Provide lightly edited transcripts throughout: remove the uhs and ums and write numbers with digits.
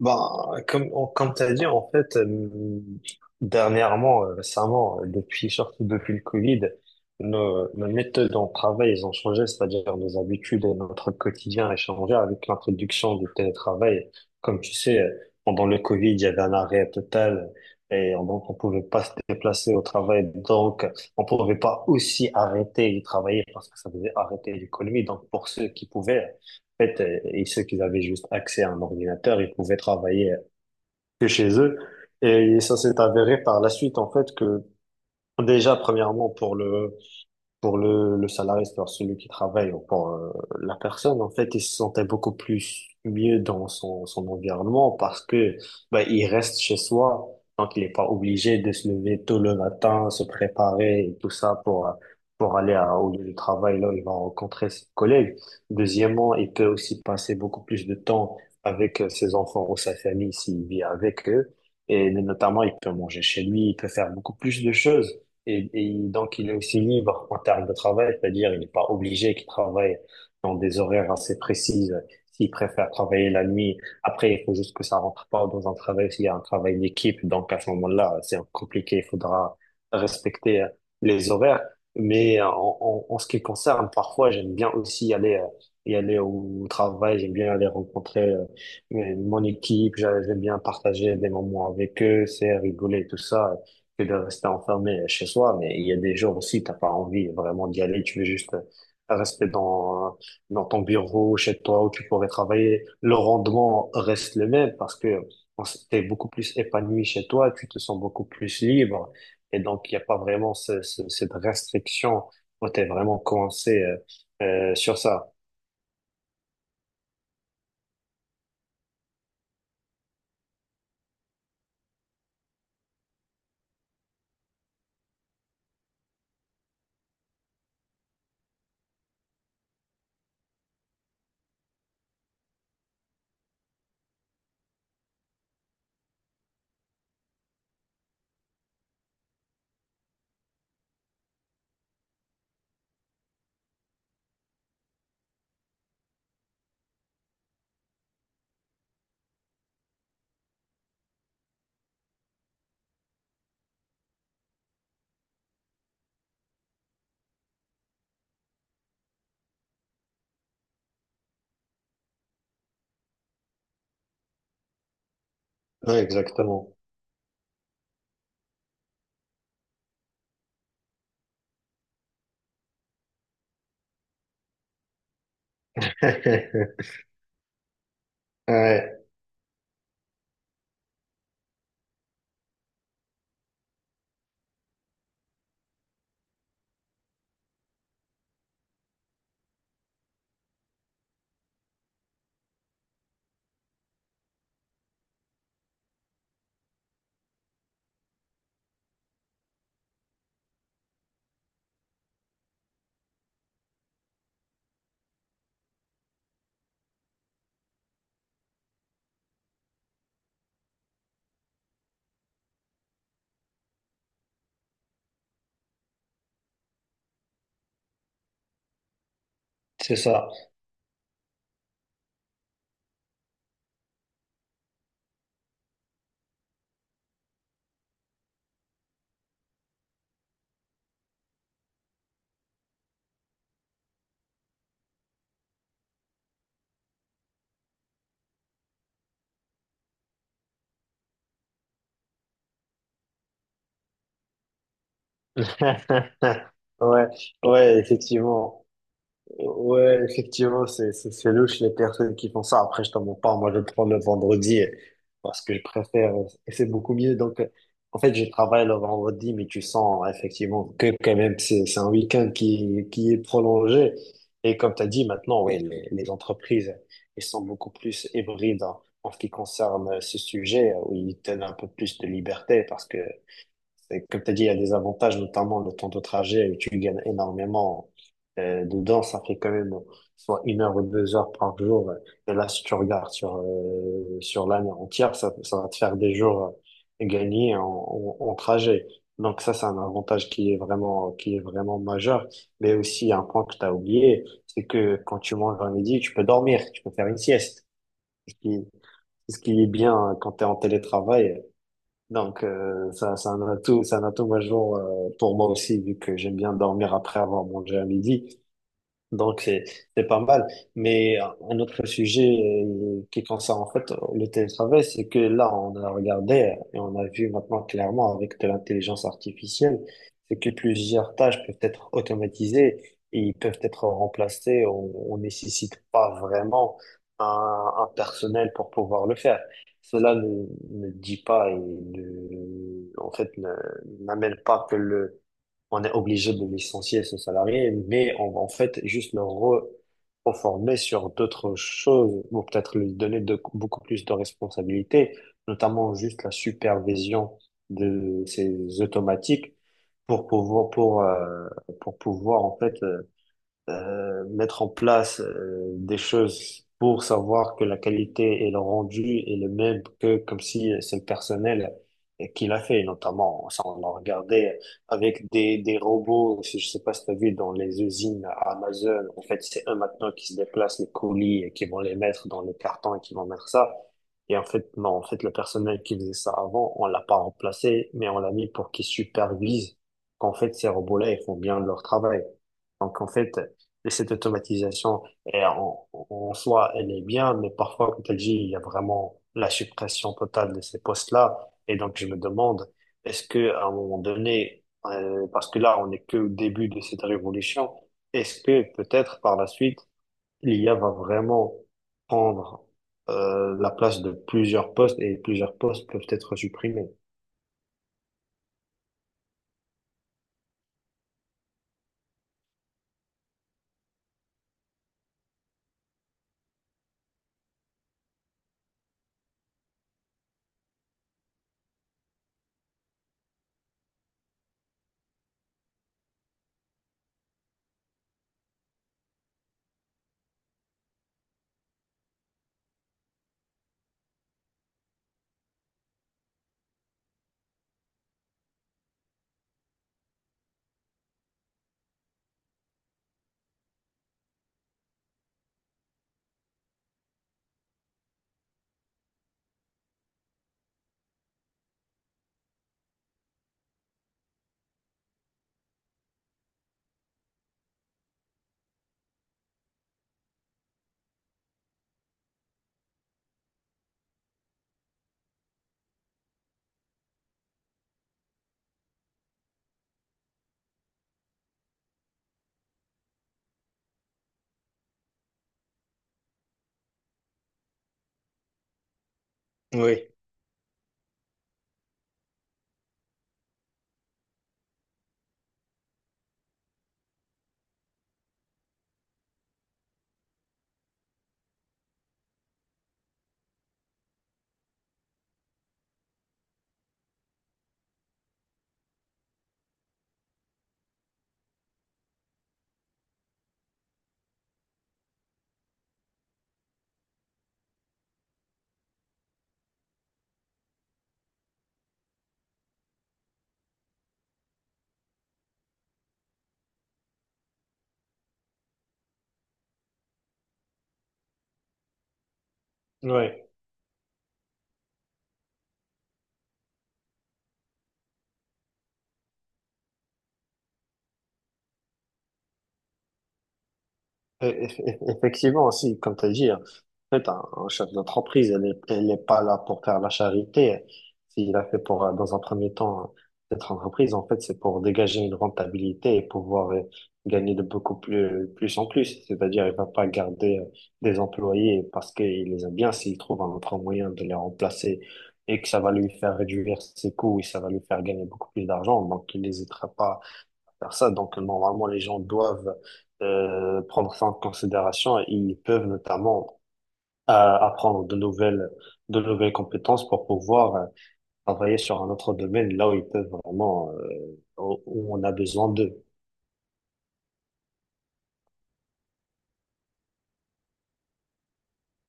On- Comme tu as dit, dernièrement, récemment, depuis, surtout depuis le Covid, nos méthodes en travail, ils ont changé, c'est-à-dire nos habitudes et notre quotidien a changé avec l'introduction du télétravail. Comme tu sais, pendant le Covid, il y avait un arrêt total et on- donc on pouvait pas se déplacer au travail. Donc, on pouvait pas aussi arrêter de travailler parce que ça faisait arrêter l'économie. Donc, pour ceux qui pouvaient, fait, et ceux qui avaient juste accès à un ordinateur, ils pouvaient travailler que chez eux. Et ça s'est avéré par la suite, en fait, que déjà, premièrement, pour le salarié, c'est-à-dire celui qui travaille, ou pour la personne, en fait, il se sentait beaucoup plus mieux dans son, son environnement parce que ben il reste chez soi, donc il n'est pas obligé de se lever tôt le matin, se préparer et tout ça pour aller à, au lieu de travail, là, il va rencontrer ses collègues. Deuxièmement, il peut aussi passer beaucoup plus de temps avec ses enfants ou sa famille s'il vit avec eux. Et notamment, il peut manger chez lui, il peut faire beaucoup plus de choses. Et donc, il est aussi libre en termes de travail, c'est-à-dire il n'est pas obligé qu'il travaille dans des horaires assez précises. S'il préfère travailler la nuit, après, il faut juste que ça rentre pas dans un travail, s'il y a un travail d'équipe. Donc, à ce moment-là, c'est compliqué, il faudra respecter les horaires. Mais en ce qui concerne, parfois, j'aime bien aussi aller, y aller au travail, j'aime bien aller rencontrer mon équipe, j'aime bien partager des moments avec eux, c'est rigoler, tout ça que de rester enfermé chez soi, mais il y a des jours aussi, t'as pas envie vraiment d'y aller, tu veux juste rester dans, dans ton bureau, chez toi, où tu pourrais travailler. Le rendement reste le même parce que on s- t'es beaucoup plus épanoui chez toi, tu te sens beaucoup plus libre, et donc il n'y a pas vraiment ce- ce- cette restriction où t'es vraiment coincé sur ça. Ouais, exactement. Ouais, c'est ça. Ouais, ouais, effectivement. Ouais, effectivement, c'est louche les personnes qui font ça. Après, je t'en mens pas. Moi, je prends le vendredi parce que je préfère et c'est beaucoup mieux. Donc, en fait, je travaille le vendredi, mais tu sens effectivement que quand même c'est un week-end qui est prolongé. Et comme tu as dit, maintenant, oui, les entreprises, elles sont beaucoup plus hybrides en ce qui concerne ce sujet où ils donnent un peu plus de liberté parce que c'est- Comme tu as dit, il y a des avantages, notamment le temps de trajet, où tu gagnes énormément. Dedans, ça fait quand même soit une heure ou deux heures par jour. Et là, si tu regardes sur, sur l'année entière, ça va te faire des jours gagnés en trajet. Donc ça, c'est un avantage qui est vraiment majeur. Mais aussi, un point que tu as oublié, c'est que quand tu manges à midi, tu peux dormir, tu peux faire une sieste. Ce qui, ce qui est bien quand tu es en télétravail. Donc, ça, c'est un atout majeur pour moi aussi, vu que j'aime bien dormir après avoir mangé à midi. Donc, c'est pas mal. Mais un autre sujet qui concerne en fait le télétravail, c'est que là, on a regardé et on a vu maintenant clairement avec de l'intelligence artificielle, c'est que plusieurs tâches peuvent être automatisées et ils peuvent être remplacées. On nécessite pas vraiment un, un personnel pour pouvoir le faire. Cela ne, ne dit pas et ne, en fait, ne- n'amène pas que le on est obligé de licencier ce salarié, mais on va en fait juste le reformer sur d'autres choses, ou peut-être lui donner de, beaucoup plus de responsabilités, notamment juste la supervision de ces automatiques pour pouvoir, pour, euh, pour pouvoir en fait mettre en place des choses pour savoir que la qualité et le rendu est le même que comme si c'est le personnel qui l'a fait, notamment, ça on l'a regardé avec des robots, si je sais pas si tu as vu dans les usines à Amazon, en fait c'est eux maintenant qui se déplacent les colis et qui vont les mettre dans les cartons et qui vont mettre ça. Et en fait, non, en fait, le personnel qui faisait ça avant, on l'a pas remplacé, mais on l'a mis pour qu'il supervise qu'en fait, ces robots-là, ils font bien leur travail. Donc, en fait, cette automatisation, en soi, elle est bien, mais parfois, comme tu le dis, il y a vraiment la suppression totale de ces postes-là. Et donc, je me demande, est-ce que, à un moment donné, parce que là, on n'est que au début de cette révolution, est-ce que peut-être par la suite, l'IA va vraiment prendre, la place de plusieurs postes et plusieurs postes peuvent être supprimés? Oui, oui. Effectivement, aussi, comme tu as dit, en fait, un chef d'entreprise, elle est pas là pour faire la charité. S'il a fait pour, dans un premier temps, cette entreprise, en fait, c'est pour dégager une rentabilité et pouvoir gagner de beaucoup plus, plus en plus. C'est-à-dire, il va pas garder des employés parce qu'il les aime bien s'il trouve un autre moyen de les remplacer et que ça va lui faire réduire ses coûts et ça va lui faire gagner beaucoup plus d'argent. Donc, il n'hésitera pas faire ça. Donc, normalement, les gens doivent prendre ça en considération et ils peuvent notamment apprendre de de nouvelles compétences pour pouvoir travailler sur un autre domaine là où ils peuvent vraiment, où on a besoin d'eux.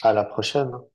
À la prochaine. Hein.